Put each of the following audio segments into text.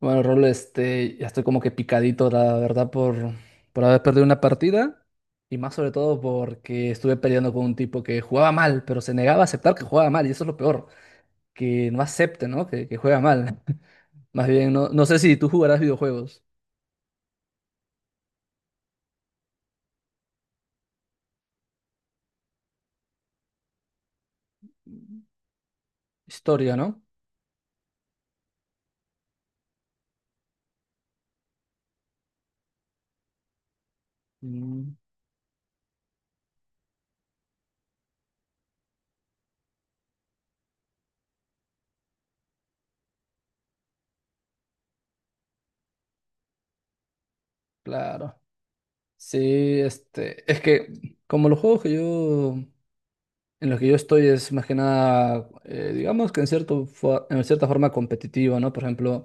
Bueno, Rol, ya estoy como que picadito, la verdad, por haber perdido una partida y más sobre todo porque estuve peleando con un tipo que jugaba mal, pero se negaba a aceptar que jugaba mal y eso es lo peor, que no acepte, ¿no? Que juega mal. Más bien, no, no sé si tú jugarás videojuegos. Historia, ¿no? Mm, claro. Sí, es que como los juegos que yo, en los que yo estoy es más que nada, digamos que en cierto, en cierta forma competitivo, ¿no? Por ejemplo...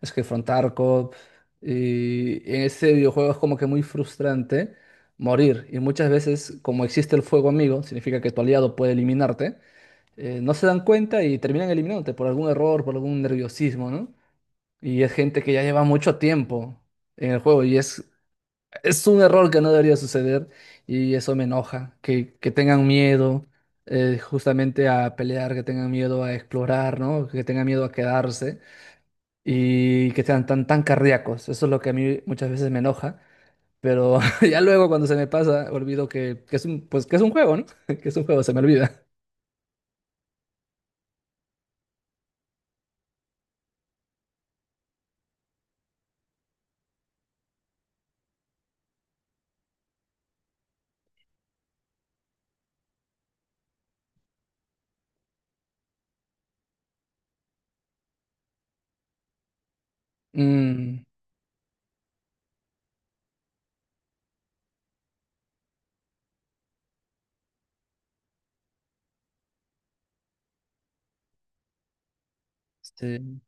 Es que Frontar Cop y en este videojuego es como que muy frustrante morir. Y muchas veces, como existe el fuego amigo, significa que tu aliado puede eliminarte, no se dan cuenta y terminan eliminándote por algún error, por algún nerviosismo, ¿no? Y es gente que ya lleva mucho tiempo en el juego y es un error que no debería suceder y eso me enoja. Que tengan miedo, justamente, a pelear, que tengan miedo a explorar, ¿no? Que tengan miedo a quedarse y que sean tan, tan cardíacos. Eso es lo que a mí muchas veces me enoja, pero ya luego cuando se me pasa, olvido que es un juego, ¿no? Que es un juego, se me olvida. Mm, sí,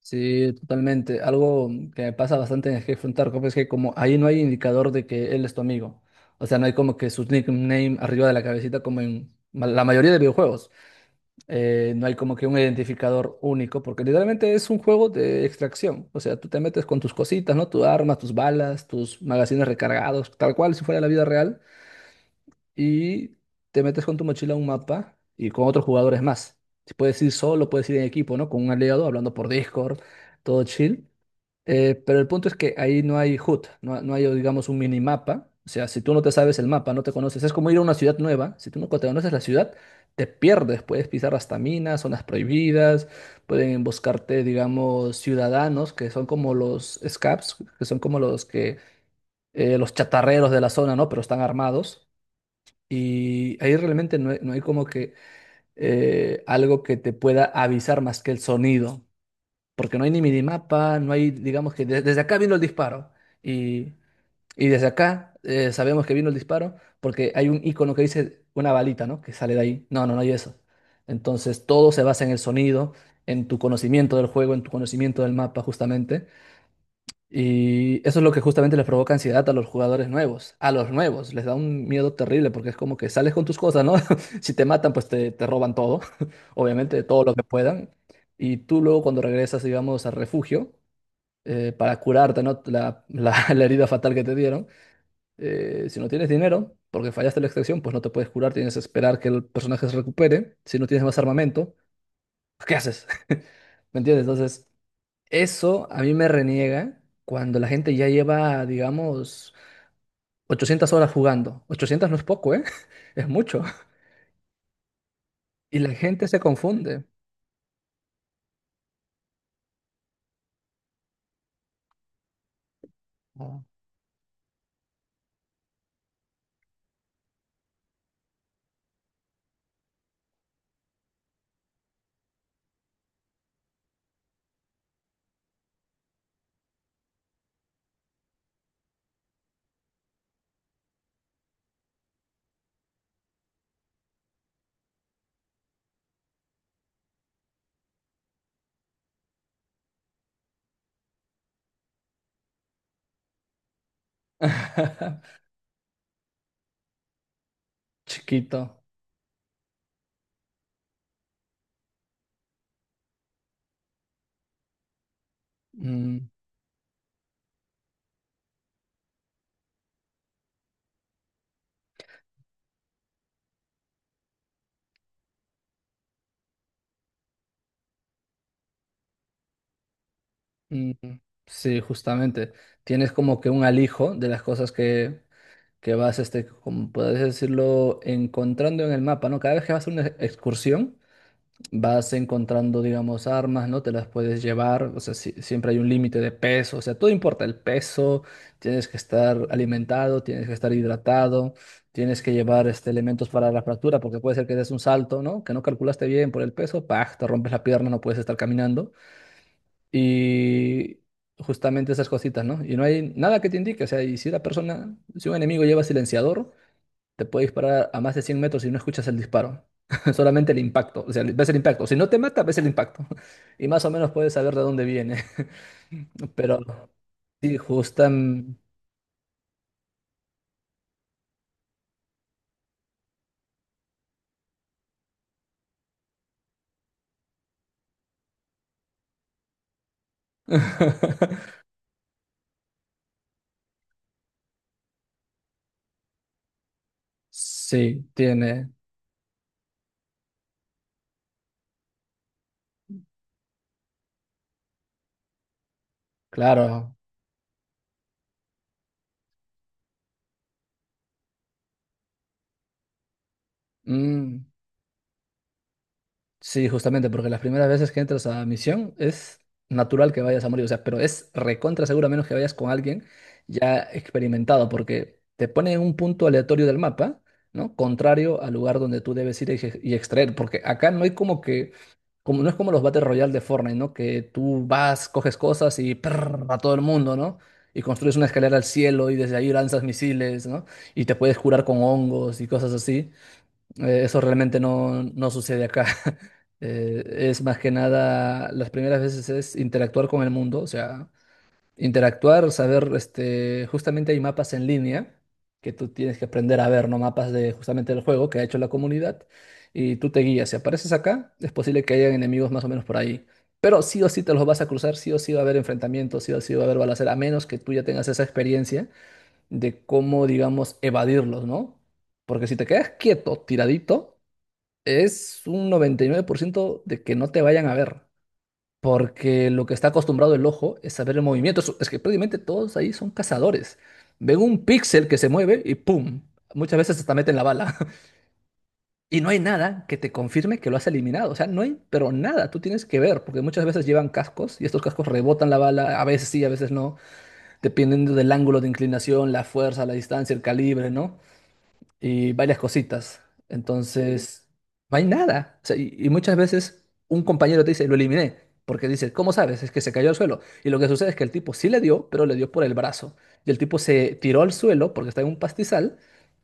sí, totalmente. Algo que me pasa bastante en el Hearthstone Tarkov es que como ahí no hay indicador de que él es tu amigo. O sea, no hay como que su nickname arriba de la cabecita como en la mayoría de videojuegos. No hay como que un identificador único, porque literalmente es un juego de extracción. O sea, tú te metes con tus cositas, ¿no? Tu armas, tus balas, tus magazines recargados, tal cual si fuera la vida real, y te metes con tu mochila a un mapa y con otros jugadores más. Si puedes ir solo, puedes ir en equipo, ¿no? Con un aliado, hablando por Discord, todo chill. Pero el punto es que ahí no hay HUD, no, no hay, digamos, un minimapa. O sea, si tú no te sabes el mapa, no te conoces, es como ir a una ciudad nueva. Si tú no te conoces la ciudad, te pierdes. Puedes pisar hasta minas, zonas prohibidas, pueden buscarte, digamos, ciudadanos que son como los scabs, que son como los que, los chatarreros de la zona, ¿no? Pero están armados. Y ahí realmente no hay, no hay como que, algo que te pueda avisar más que el sonido, porque no hay ni minimapa, no hay, digamos, que desde acá vino el disparo y, y desde acá, sabemos que vino el disparo, porque hay un icono que dice una balita, ¿no? Que sale de ahí. No, no, no hay eso. Entonces, todo se basa en el sonido, en tu conocimiento del juego, en tu conocimiento del mapa justamente, y eso es lo que justamente les provoca ansiedad a los jugadores nuevos. A los nuevos les da un miedo terrible, porque es como que sales con tus cosas, ¿no? Si te matan, pues te roban todo, obviamente, todo lo que puedan. Y tú luego cuando regresas, digamos, al refugio, para curarte, ¿no? La herida fatal que te dieron, si no tienes dinero, porque fallaste la extracción, pues no te puedes curar, tienes que esperar que el personaje se recupere. Si no tienes más armamento, ¿qué haces? ¿Me entiendes? Entonces... Eso a mí me reniega cuando la gente ya lleva, digamos, 800 horas jugando. 800 no es poco, ¿eh? Es mucho. Y la gente se confunde. Ah. Chiquito. Mm, mm, mm, sí, justamente. Tienes como que un alijo de las cosas que vas, como puedes decirlo, encontrando en el mapa, ¿no? Cada vez que vas a una excursión, vas encontrando, digamos, armas, ¿no? Te las puedes llevar, o sea, siempre hay un límite de peso, o sea, todo importa, el peso, tienes que estar alimentado, tienes que estar hidratado, tienes que llevar, elementos para la fractura, porque puede ser que des un salto, ¿no? Que no calculaste bien por el peso, ¡pah! Te rompes la pierna, no puedes estar caminando. Y justamente esas cositas, ¿no? Y no hay nada que te indique, o sea, y si la persona, si un enemigo lleva silenciador, te puede disparar a más de 100 metros y no escuchas el disparo. Solamente el impacto. O sea, ves el impacto. Si no te mata, ves el impacto. Y más o menos puedes saber de dónde viene. Pero sí, justamente. Sí, tiene. Claro. Mm. Sí, justamente, porque las primeras veces que entras a misión es natural que vayas a morir, o sea, pero es recontra seguro a menos que vayas con alguien ya experimentado, porque te pone en un punto aleatorio del mapa, ¿no? Contrario al lugar donde tú debes ir y extraer, porque acá no hay como que, como no es como los Battle Royale de Fortnite, ¿no? Que tú vas, coges cosas y prrr, a todo el mundo, ¿no? Y construyes una escalera al cielo y desde ahí lanzas misiles, ¿no? Y te puedes curar con hongos y cosas así. Eso realmente no, no sucede acá. Eh, es más que nada, las primeras veces es interactuar con el mundo, o sea, interactuar, saber, justamente hay mapas en línea que tú tienes que aprender a ver, ¿no? Mapas de justamente del juego que ha hecho la comunidad, y tú te guías. Si apareces acá, es posible que hayan enemigos más o menos por ahí. Pero sí o sí te los vas a cruzar, sí o sí va a haber enfrentamientos, sí o sí va a haber balacera, a menos que tú ya tengas esa experiencia de cómo, digamos, evadirlos, ¿no? Porque si te quedas quieto, tiradito, es un 99% de que no te vayan a ver, porque lo que está acostumbrado el ojo es saber el movimiento. Es que prácticamente todos ahí son cazadores. Ven un píxel que se mueve y ¡pum! Muchas veces hasta meten la bala. Y no hay nada que te confirme que lo has eliminado. O sea, no hay, pero nada, tú tienes que ver, porque muchas veces llevan cascos y estos cascos rebotan la bala, a veces sí, a veces no, dependiendo del ángulo de inclinación, la fuerza, la distancia, el calibre, ¿no? Y varias cositas. Entonces, no hay nada. O sea, y muchas veces un compañero te dice, lo eliminé, porque dice, ¿cómo sabes? Es que se cayó al suelo. Y lo que sucede es que el tipo sí le dio, pero le dio por el brazo. Y el tipo se tiró al suelo porque está en un pastizal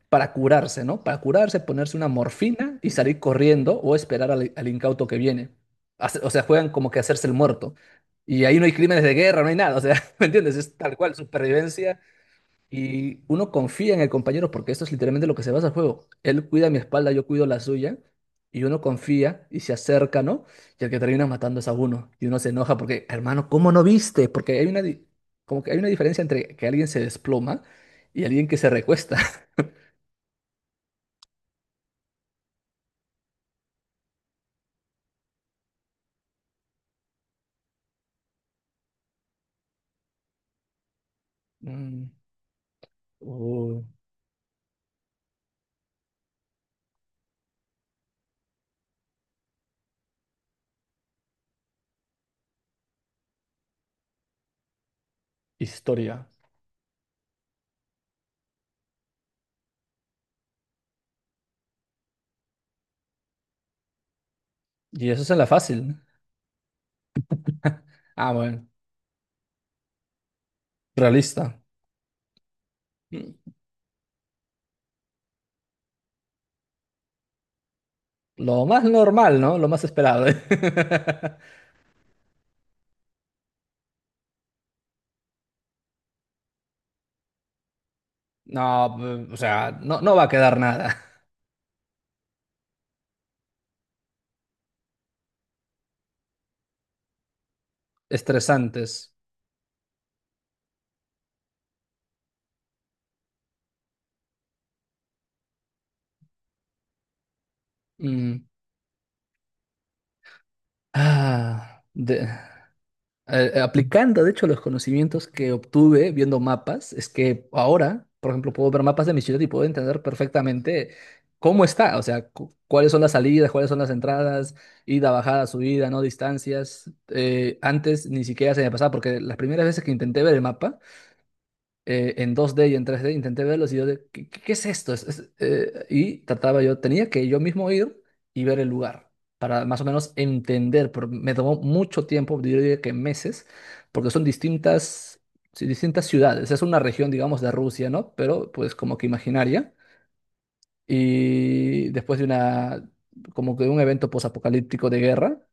para curarse, ¿no? Para curarse, ponerse una morfina y salir corriendo, o esperar al incauto que viene. O sea, juegan como que hacerse el muerto. Y ahí no hay crímenes de guerra, no hay nada. O sea, ¿me entiendes? Es tal cual, supervivencia, y uno confía en el compañero porque esto es literalmente lo que se basa el juego. Él cuida mi espalda, yo cuido la suya. Y uno confía y se acerca, ¿no? Y el que termina matando es a uno. Y uno se enoja porque, hermano, ¿cómo no viste? Porque hay como que hay una diferencia entre que alguien se desploma y alguien que se recuesta. Mm, uh, Historia. Y eso es en la fácil. Ah, bueno. Realista. Mm, Lo más normal, ¿no? Lo más esperado. No, o sea, no, no va a quedar nada. Estresantes. Mm. Ah, aplicando, de hecho, los conocimientos que obtuve viendo mapas, es que ahora, por ejemplo, puedo ver mapas de mi ciudad y puedo entender perfectamente cómo está, o sea, cuáles son las salidas, cuáles son las entradas, ida, bajada, subida, no distancias. Antes ni siquiera se me pasaba, porque las primeras veces que intenté ver el mapa, en 2D y en 3D intenté verlos y yo de, qué es esto? Y trataba yo, tenía que yo mismo ir y ver el lugar para más o menos entender, pero me tomó mucho tiempo, yo diría que meses, porque son distintas, sí, distintas ciudades, es una región, digamos, de Rusia, ¿no? Pero pues como que imaginaria. Y después de como que de un evento posapocalíptico de guerra.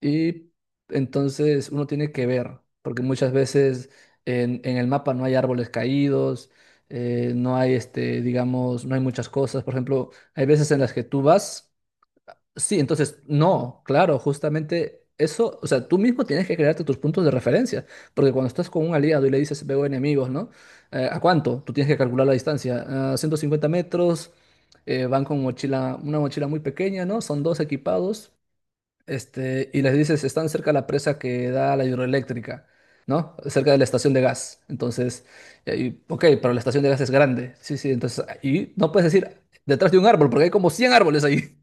Y entonces uno tiene que ver, porque muchas veces en el mapa no hay árboles caídos, no hay, digamos, no hay muchas cosas. Por ejemplo, hay veces en las que tú vas, sí, entonces no, claro, justamente eso, o sea, tú mismo tienes que crearte tus puntos de referencia, porque cuando estás con un aliado y le dices veo enemigos, ¿no? ¿A cuánto? Tú tienes que calcular la distancia, a 150 metros. Van con mochila, una mochila muy pequeña, ¿no? Son dos equipados, y les dices, están cerca de la presa que da a la hidroeléctrica, ¿no? Cerca de la estación de gas. Entonces, y ahí, ok, pero la estación de gas es grande. Sí, sí, entonces, y no puedes decir detrás de un árbol, porque hay como 100 árboles ahí.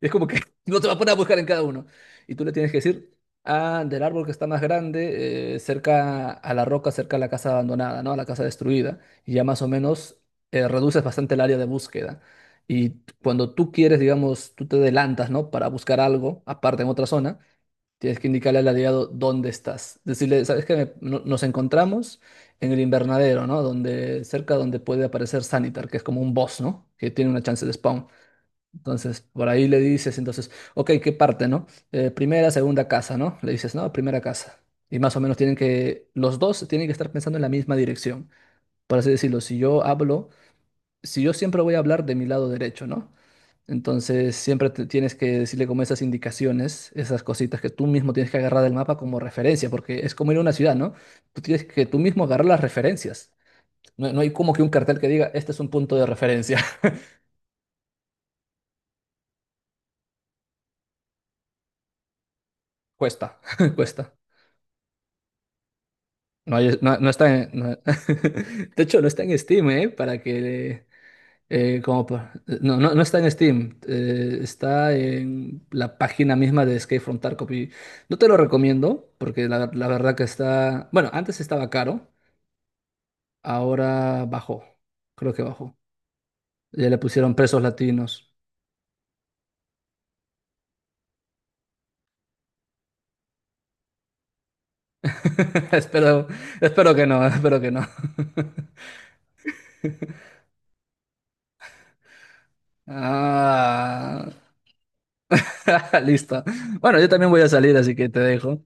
Es como que no te va a poner a buscar en cada uno. Y tú le tienes que decir, ah, del árbol que está más grande, cerca a la roca, cerca a la casa abandonada, ¿no? A la casa destruida. Y ya más o menos, reduces bastante el área de búsqueda. Y cuando tú quieres, digamos, tú te adelantas, ¿no? Para buscar algo, aparte en otra zona, tienes que indicarle al aliado dónde estás. Decirle, ¿sabes qué? Nos encontramos en el invernadero, ¿no? Donde, cerca donde puede aparecer Sanitar, que es como un boss, ¿no? Que tiene una chance de spawn. Entonces, por ahí le dices, entonces, ok, ¿qué parte, no? ¿Primera, segunda casa?, ¿no? Le dices, no, primera casa. Y más o menos los dos tienen que estar pensando en la misma dirección. Por así decirlo, si yo hablo, si yo siempre voy a hablar de mi lado derecho, ¿no? Entonces, siempre tienes que decirle como esas indicaciones, esas cositas que tú mismo tienes que agarrar del mapa como referencia, porque es como ir a una ciudad, ¿no? Tú tienes que tú mismo agarrar las referencias. No, no hay como que un cartel que diga, este es un punto de referencia. Cuesta, cuesta. No, no, de hecho, no está en Steam, ¿eh? Para que... eh, como, pa- no, no, no está en Steam. Está en la página misma de Escape from Tarkov. Y no te lo recomiendo porque la verdad que está... Bueno, antes estaba caro. Ahora bajó. Creo que bajó. Ya le pusieron pesos latinos. Espero, espero que no, espero que no. Ah, listo. Bueno, yo también voy a salir, así que te dejo.